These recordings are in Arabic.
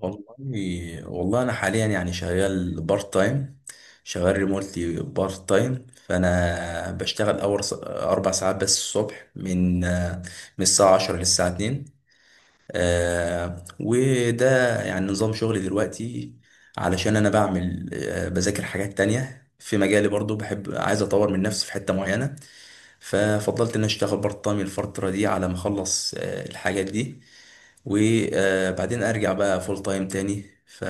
والله انا حاليا يعني شغال بارت تايم شغال ريموتلي بارت تايم فانا بشتغل اول اربع ساعات بس الصبح من الساعه 10 للساعه 2 وده يعني نظام شغلي دلوقتي علشان انا بعمل بذاكر حاجات تانية في مجالي برضو بحب عايز اطور من نفسي في حتة معينة ففضلت ان اشتغل بارت تايم الفترة دي على ما اخلص الحاجات دي وبعدين ارجع بقى فول تايم تاني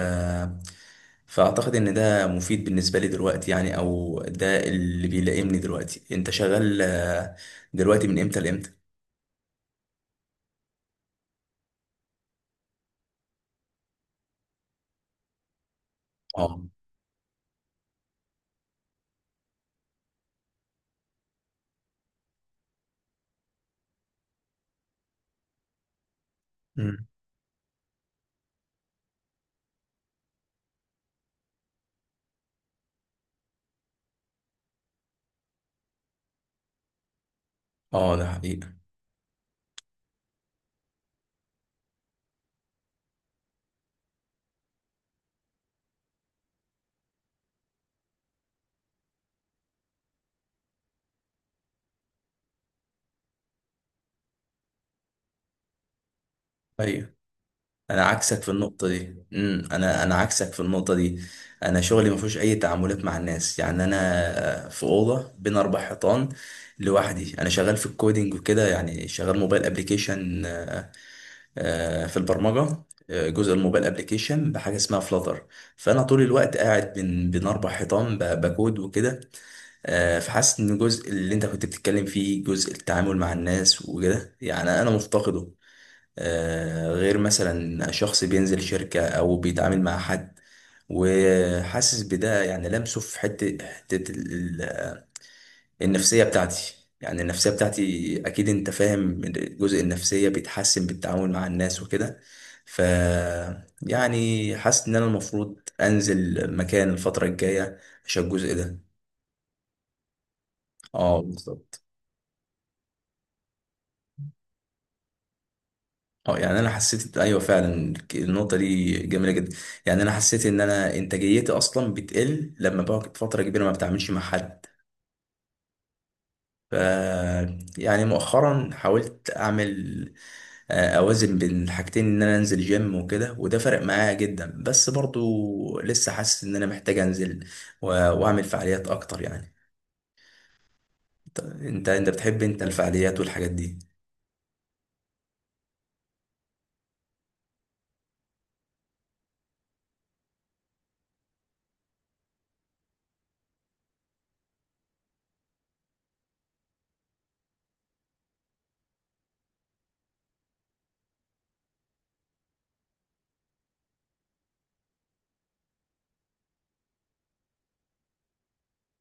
فاعتقد ان ده مفيد بالنسبة لي دلوقتي يعني او ده اللي بيلائمني دلوقتي. انت شغال دلوقتي من امتى لامتى؟ اه. مم. اه ده حقيقة. ايوه انا عكسك في النقطه دي. انا عكسك في النقطه دي. انا شغلي ما فيهوش اي تعاملات مع الناس، يعني انا في اوضه بين اربع حيطان لوحدي. انا شغال في الكودينج وكده، يعني شغال موبايل ابلكيشن في البرمجه. جزء الموبايل ابلكيشن بحاجه اسمها فلاتر. فانا طول الوقت قاعد بين اربع حيطان بكود وكده. فحاسس ان الجزء اللي انت كنت بتتكلم فيه، جزء التعامل مع الناس وكده، يعني انا مفتقده. غير مثلا شخص بينزل شركة أو بيتعامل مع حد، وحاسس بده يعني لمسه في حتة النفسية بتاعتي. يعني النفسية بتاعتي أكيد أنت فاهم، الجزء النفسية بيتحسن بالتعامل مع الناس وكده. ف يعني حاسس إن أنا المفروض أنزل مكان الفترة الجاية عشان الجزء ده. اه بالظبط. اه يعني انا حسيت، ايوه فعلا النقطه دي جميله جدا. يعني انا حسيت ان انا انتاجيتي اصلا بتقل لما بقعد فتره كبيره ما بتعاملش مع حد. ف يعني مؤخرا حاولت اعمل اوازن بين الحاجتين، ان انا انزل جيم وكده، وده فرق معايا جدا، بس برضو لسه حاسس ان انا محتاج انزل واعمل فعاليات اكتر يعني. انت انت أنت بتحب انت الفعاليات والحاجات دي؟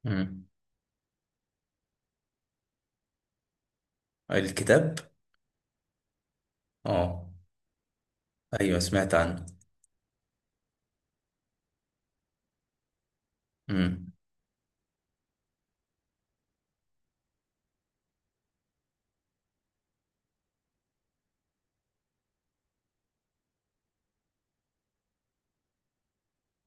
مم. الكتاب. اه. ايوه سمعت عنه. مم.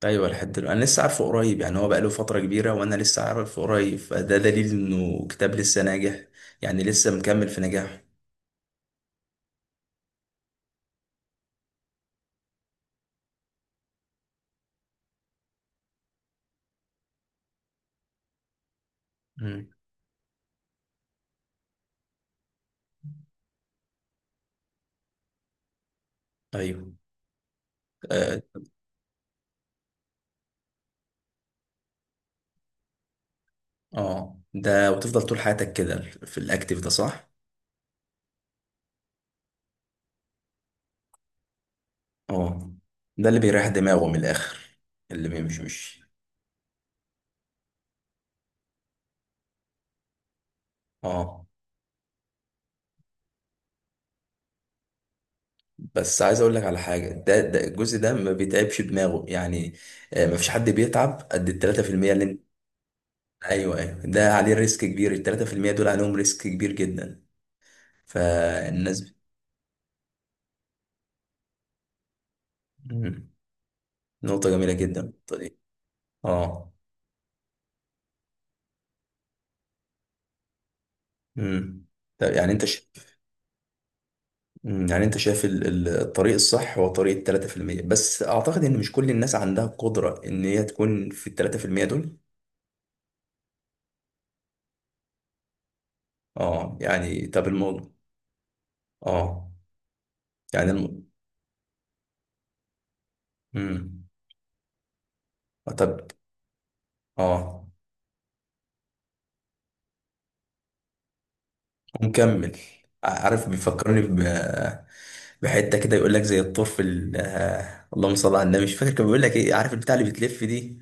ايوه لحد دلوقتي. انا لسه عارفه قريب، يعني هو بقاله فتره كبيره وانا لسه عارفه قريب، فده دليل انه كتاب لسه ناجح، يعني لسه مكمل في نجاحه. امم. ايوه. اه. آه. ده وتفضل طول حياتك كده في الاكتيف ده، صح؟ اه ده اللي بيريح دماغه من الاخر. اللي بيمشي مشي. اه. بس عايز اقول لك على حاجه، ده الجزء ده ما بيتعبش دماغه يعني. آه ما فيش حد بيتعب قد ال 3% اللي انت. ايوه ايوه، ده عليه ريسك كبير، ال 3% دول عليهم ريسك كبير جدا. فالناس. مم. نقطة جميلة جدا النقطة دي. اه. مم. طب يعني مم. يعني انت شايف الطريق الصح هو طريق التلاتة في المية، بس اعتقد ان مش كل الناس عندها القدرة ان هي تكون في التلاتة في المية دول. اه يعني طب الموضوع. اه يعني مم. آه. طب. اه. ومكمل. عارف بيفكرني بحتة كده، يقول لك زي الطرف آه، اللهم صل على النبي، مش فاكر كان بيقول لك ايه، عارف البتاع اللي بتلف دي؟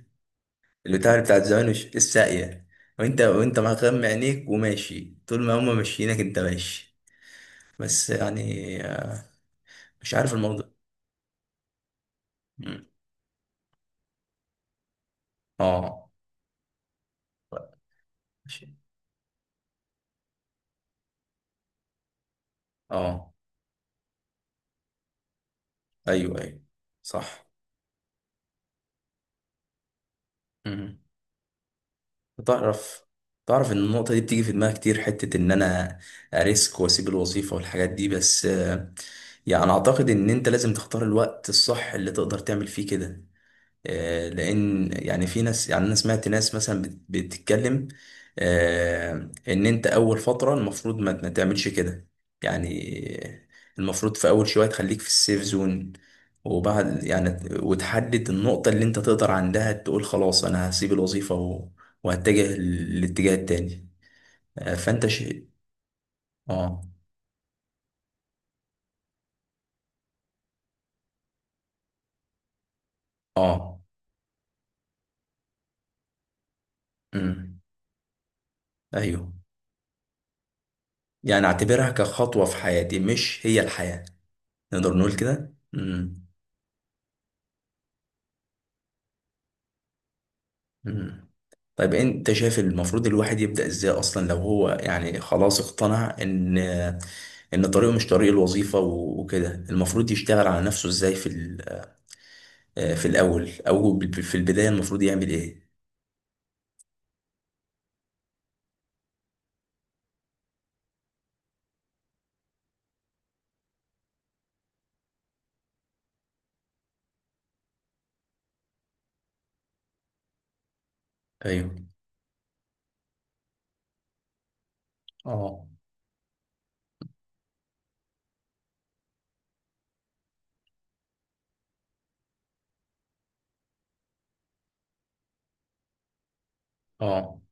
البتاع اللي بتاعت زمان، مش الساقية؟ وانت مغمى عينيك وماشي، طول ما هما ماشيينك انت ماشي. بس يعني آه، مش عارف الموضوع. مم. اه. ماشي. اه. ايوه ايوه صح. مم. تعرف، تعرف ان النقطة دي بتيجي في دماغي كتير، حتة ان انا اريسك واسيب الوظيفة والحاجات دي، بس يعني اعتقد ان انت لازم تختار الوقت الصح اللي تقدر تعمل فيه كده. لان يعني في ناس، يعني انا سمعت ناس مثلا بتتكلم آه، ان انت اول فتره المفروض ما تعملش كده. يعني المفروض في اول شويه تخليك في السيف زون، وبعد يعني وتحدد النقطه اللي انت تقدر عندها تقول خلاص انا هسيب الوظيفه وهتجه للاتجاه التاني. فانت شيء. اه. اه. امم. ايوه. يعني اعتبرها كخطوه في حياتي، مش هي الحياه، نقدر نقول كده. امم. مم. طيب انت شايف المفروض الواحد يبدأ ازاي اصلا، لو هو يعني خلاص اقتنع ان ان طريقه مش طريق الوظيفة وكده، المفروض يشتغل على نفسه ازاي في آه، في الاول او في البداية المفروض يعمل ايه؟ ايوه. اه. اه.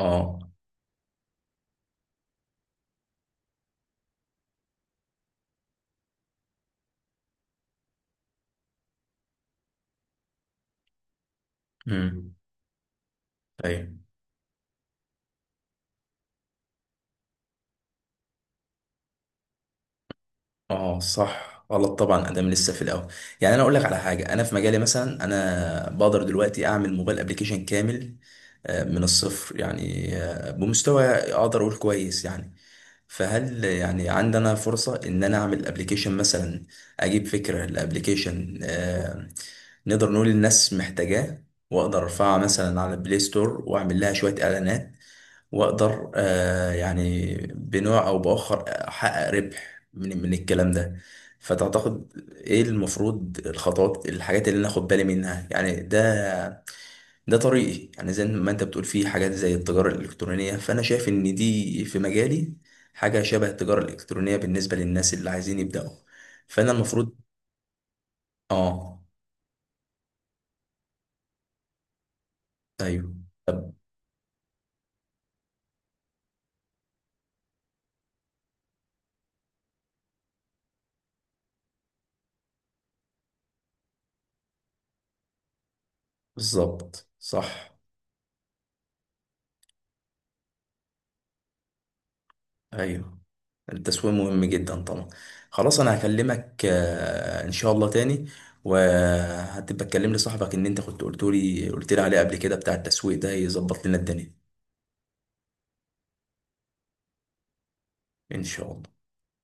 اه. امم. ايوه. اه صح، غلط طبعا ادام لسه في الاول. يعني انا اقول لك على حاجة، انا في مجالي مثلا انا بقدر دلوقتي اعمل موبايل ابليكيشن كامل من الصفر، يعني بمستوى اقدر اقول كويس يعني. فهل يعني عندنا فرصة إن أنا أعمل أبليكيشن مثلا، أجيب فكرة لأبليكيشن نقدر نقول الناس محتاجاه، وأقدر أرفعها مثلا على البلاي ستور وأعمل لها شوية إعلانات، وأقدر يعني بنوع أو بآخر أحقق ربح من الكلام ده؟ فتعتقد إيه المفروض الخطوات، الحاجات اللي أنا آخد بالي منها؟ يعني ده ده طريقي، يعني زي ما انت بتقول فيه حاجات زي التجارة الإلكترونية، فأنا شايف إن دي في مجالي حاجة شبه التجارة الإلكترونية بالنسبة للناس اللي عايزين يبدأوا. فأنا المفروض. آه. أيوه. طب. بالظبط صح. أيوه. التسويق مهم جدا طبعا. خلاص أنا هكلمك إن شاء الله تاني. وهتبقى تكلم لي صاحبك، إن أنت كنت قلت لي عليه قبل كده، بتاع التسويق ده يظبط لنا الدنيا. إن شاء الله.